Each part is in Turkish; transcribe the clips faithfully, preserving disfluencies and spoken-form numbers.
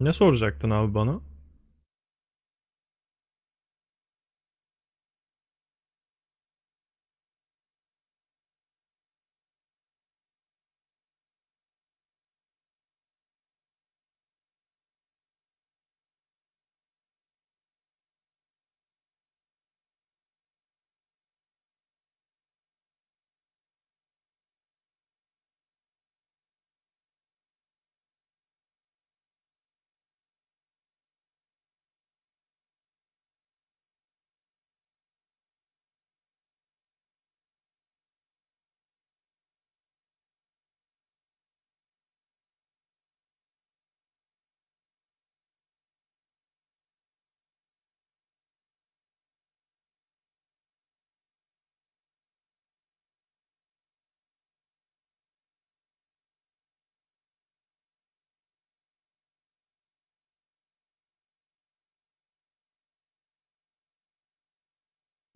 Ne soracaktın abi bana?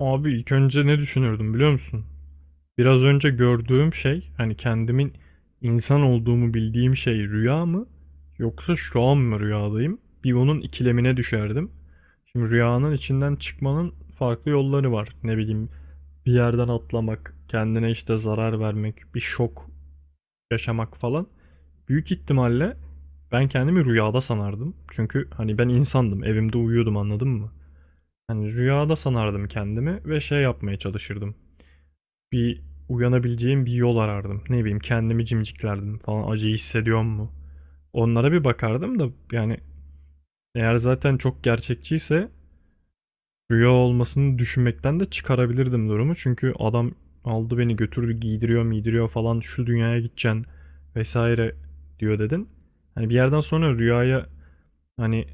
Abi ilk önce ne düşünürdüm biliyor musun? Biraz önce gördüğüm şey, hani kendimin insan olduğumu bildiğim şey rüya mı? Yoksa şu an mı rüyadayım? Bir onun ikilemine düşerdim. Şimdi rüyanın içinden çıkmanın farklı yolları var. Ne bileyim, bir yerden atlamak, kendine işte zarar vermek, bir şok yaşamak falan. Büyük ihtimalle ben kendimi rüyada sanardım. Çünkü hani ben insandım, evimde uyuyordum, anladın mı? Hani rüyada sanardım kendimi ve şey yapmaya çalışırdım. Bir uyanabileceğim bir yol arardım. Ne bileyim, kendimi cimciklerdim falan, acıyı hissediyor mu? Onlara bir bakardım da. Yani eğer zaten çok gerçekçiyse rüya olmasını düşünmekten de çıkarabilirdim durumu. Çünkü adam aldı beni götürdü, giydiriyor miydiriyor falan, şu dünyaya gideceksin vesaire diyor dedin. Hani bir yerden sonra rüyaya hani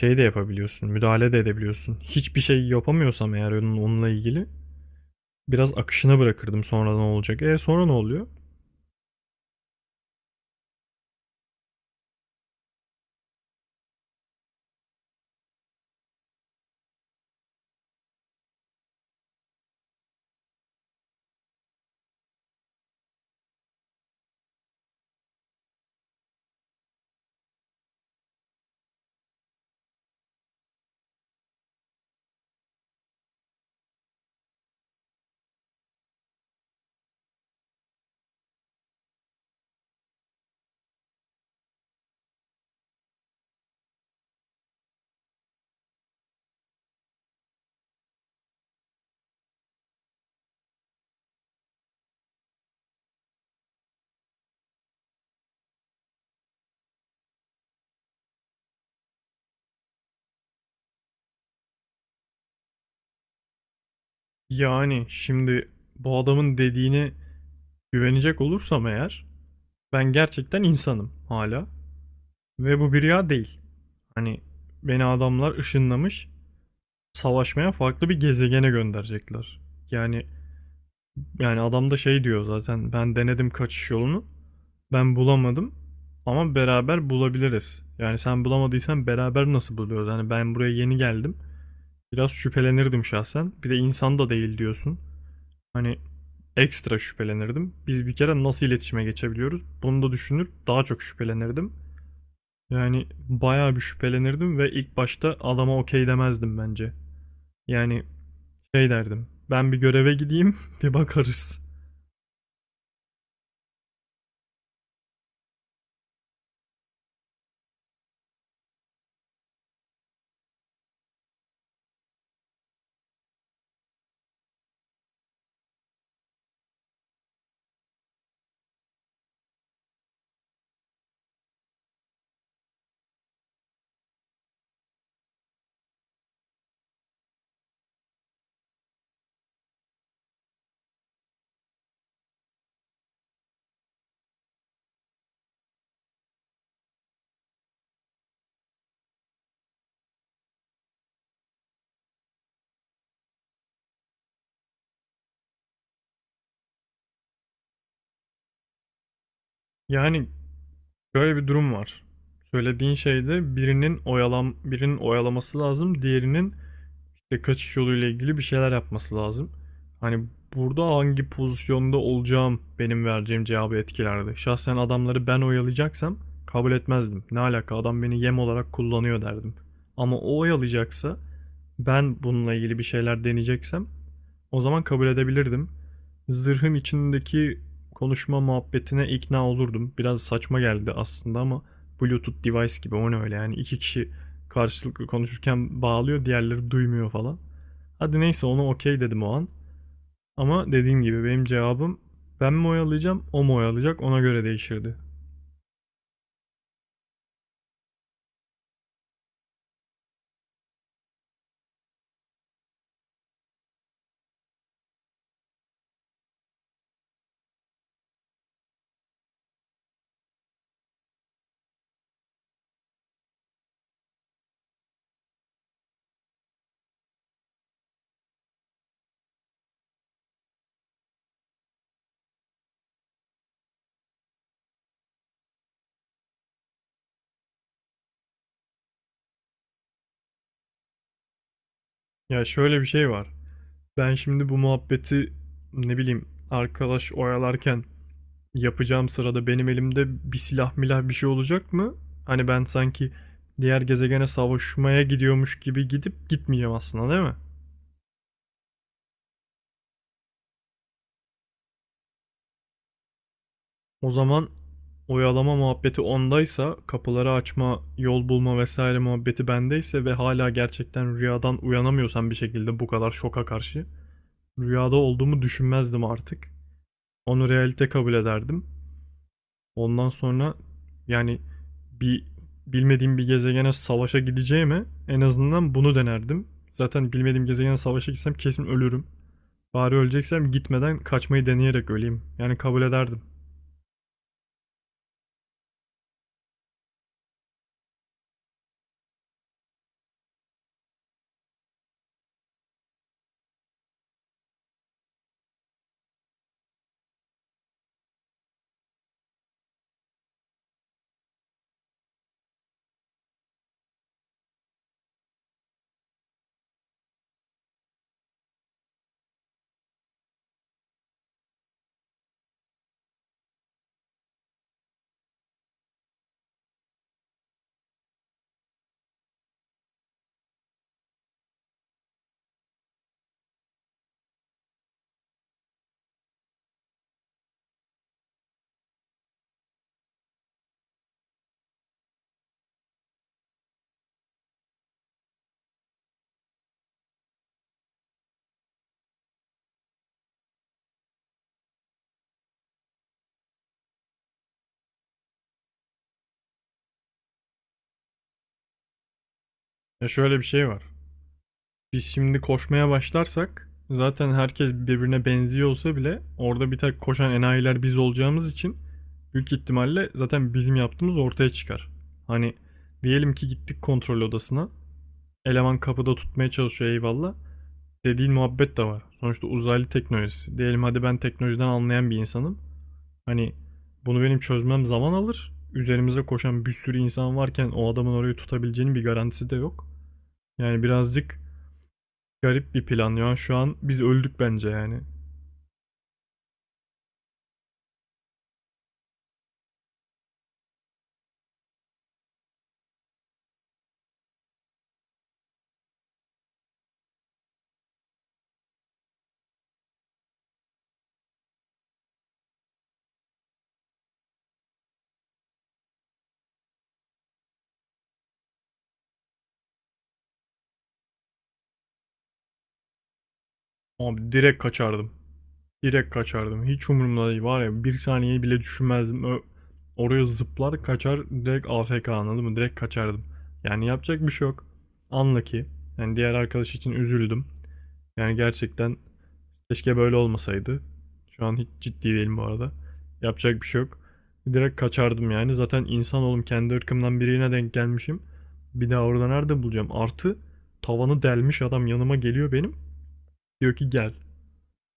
şey de yapabiliyorsun, müdahale de edebiliyorsun. Hiçbir şey yapamıyorsam eğer onun, onunla ilgili biraz akışına bırakırdım, sonra ne olacak. E sonra ne oluyor? Yani şimdi bu adamın dediğine güvenecek olursam eğer, ben gerçekten insanım hala. Ve bu bir rüya değil. Hani beni adamlar ışınlamış, savaşmaya farklı bir gezegene gönderecekler. Yani yani adam da şey diyor zaten, ben denedim kaçış yolunu. Ben bulamadım ama beraber bulabiliriz. Yani sen bulamadıysan beraber nasıl buluyoruz? Hani ben buraya yeni geldim. Biraz şüphelenirdim şahsen. Bir de insan da değil diyorsun. Hani ekstra şüphelenirdim. Biz bir kere nasıl iletişime geçebiliyoruz? Bunu da düşünür, daha çok şüphelenirdim. Yani bayağı bir şüphelenirdim ve ilk başta adama okey demezdim bence. Yani şey derdim. Ben bir göreve gideyim bir bakarız. Yani şöyle bir durum var. Söylediğin şeyde birinin oyalam birinin oyalaması lazım, diğerinin işte kaçış yoluyla ilgili bir şeyler yapması lazım. Hani burada hangi pozisyonda olacağım benim vereceğim cevabı etkilerdi. Şahsen adamları ben oyalayacaksam kabul etmezdim. Ne alaka, adam beni yem olarak kullanıyor derdim. Ama o oyalayacaksa, ben bununla ilgili bir şeyler deneyeceksem o zaman kabul edebilirdim. Zırhın içindeki konuşma muhabbetine ikna olurdum. Biraz saçma geldi aslında ama Bluetooth device gibi, o ne öyle yani, iki kişi karşılıklı konuşurken bağlıyor, diğerleri duymuyor falan. Hadi neyse, ona okey dedim o an. Ama dediğim gibi benim cevabım ben mi oyalayacağım o mu oyalayacak, ona göre değişirdi. Ya şöyle bir şey var. Ben şimdi bu muhabbeti, ne bileyim, arkadaş oyalarken yapacağım sırada benim elimde bir silah milah bir şey olacak mı? Hani ben sanki diğer gezegene savaşmaya gidiyormuş gibi gidip gitmeyeceğim aslında, değil mi? O zaman oyalama muhabbeti ondaysa, kapıları açma, yol bulma vesaire muhabbeti bendeyse ve hala gerçekten rüyadan uyanamıyorsam bir şekilde, bu kadar şoka karşı rüyada olduğumu düşünmezdim artık. Onu realite kabul ederdim. Ondan sonra yani bir bilmediğim bir gezegene savaşa gideceğime en azından bunu denerdim. Zaten bilmediğim gezegene savaşa gitsem kesin ölürüm. Bari öleceksem gitmeden kaçmayı deneyerek öleyim. Yani kabul ederdim. Ya şöyle bir şey var. Biz şimdi koşmaya başlarsak zaten, herkes birbirine benziyor olsa bile, orada bir tek koşan enayiler biz olacağımız için büyük ihtimalle zaten bizim yaptığımız ortaya çıkar. Hani diyelim ki gittik kontrol odasına. Eleman kapıda tutmaya çalışıyor, eyvallah, dediğin muhabbet de var. Sonuçta uzaylı teknolojisi. Diyelim hadi ben teknolojiden anlayan bir insanım. Hani bunu benim çözmem zaman alır. Üzerimize koşan bir sürü insan varken o adamın orayı tutabileceğinin bir garantisi de yok. Yani birazcık garip bir plan ya. Şu an biz öldük bence yani. Abi direkt kaçardım. Direkt kaçardım. Hiç umurumda değil. Var ya, bir saniye bile düşünmezdim. Ö- Oraya zıplar kaçar, direkt A F K, anladın mı? Direkt kaçardım. Yani yapacak bir şey yok. Anla ki. Yani diğer arkadaş için üzüldüm. Yani gerçekten keşke böyle olmasaydı. Şu an hiç ciddi değilim bu arada. Yapacak bir şey yok. Direkt kaçardım yani. Zaten insan oğlum, kendi ırkımdan birine denk gelmişim. Bir daha orada nerede bulacağım? Artı tavanı delmiş adam yanıma geliyor benim. Diyor ki gel.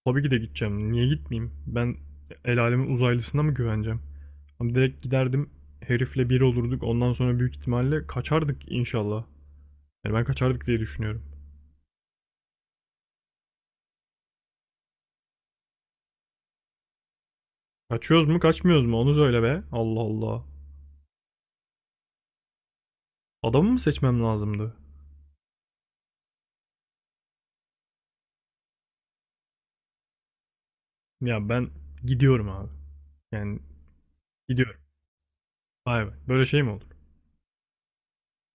Tabii ki de gideceğim. Niye gitmeyeyim? Ben el alemin uzaylısına mı güveneceğim? Ama direkt giderdim. Herifle bir olurduk. Ondan sonra büyük ihtimalle kaçardık inşallah. Yani ben kaçardık diye düşünüyorum. Kaçıyoruz mu kaçmıyoruz mu onu söyle be. Allah Allah. Adamı mı seçmem lazımdı? Ya ben gidiyorum abi. Yani gidiyorum. Vay be. Böyle şey mi olur?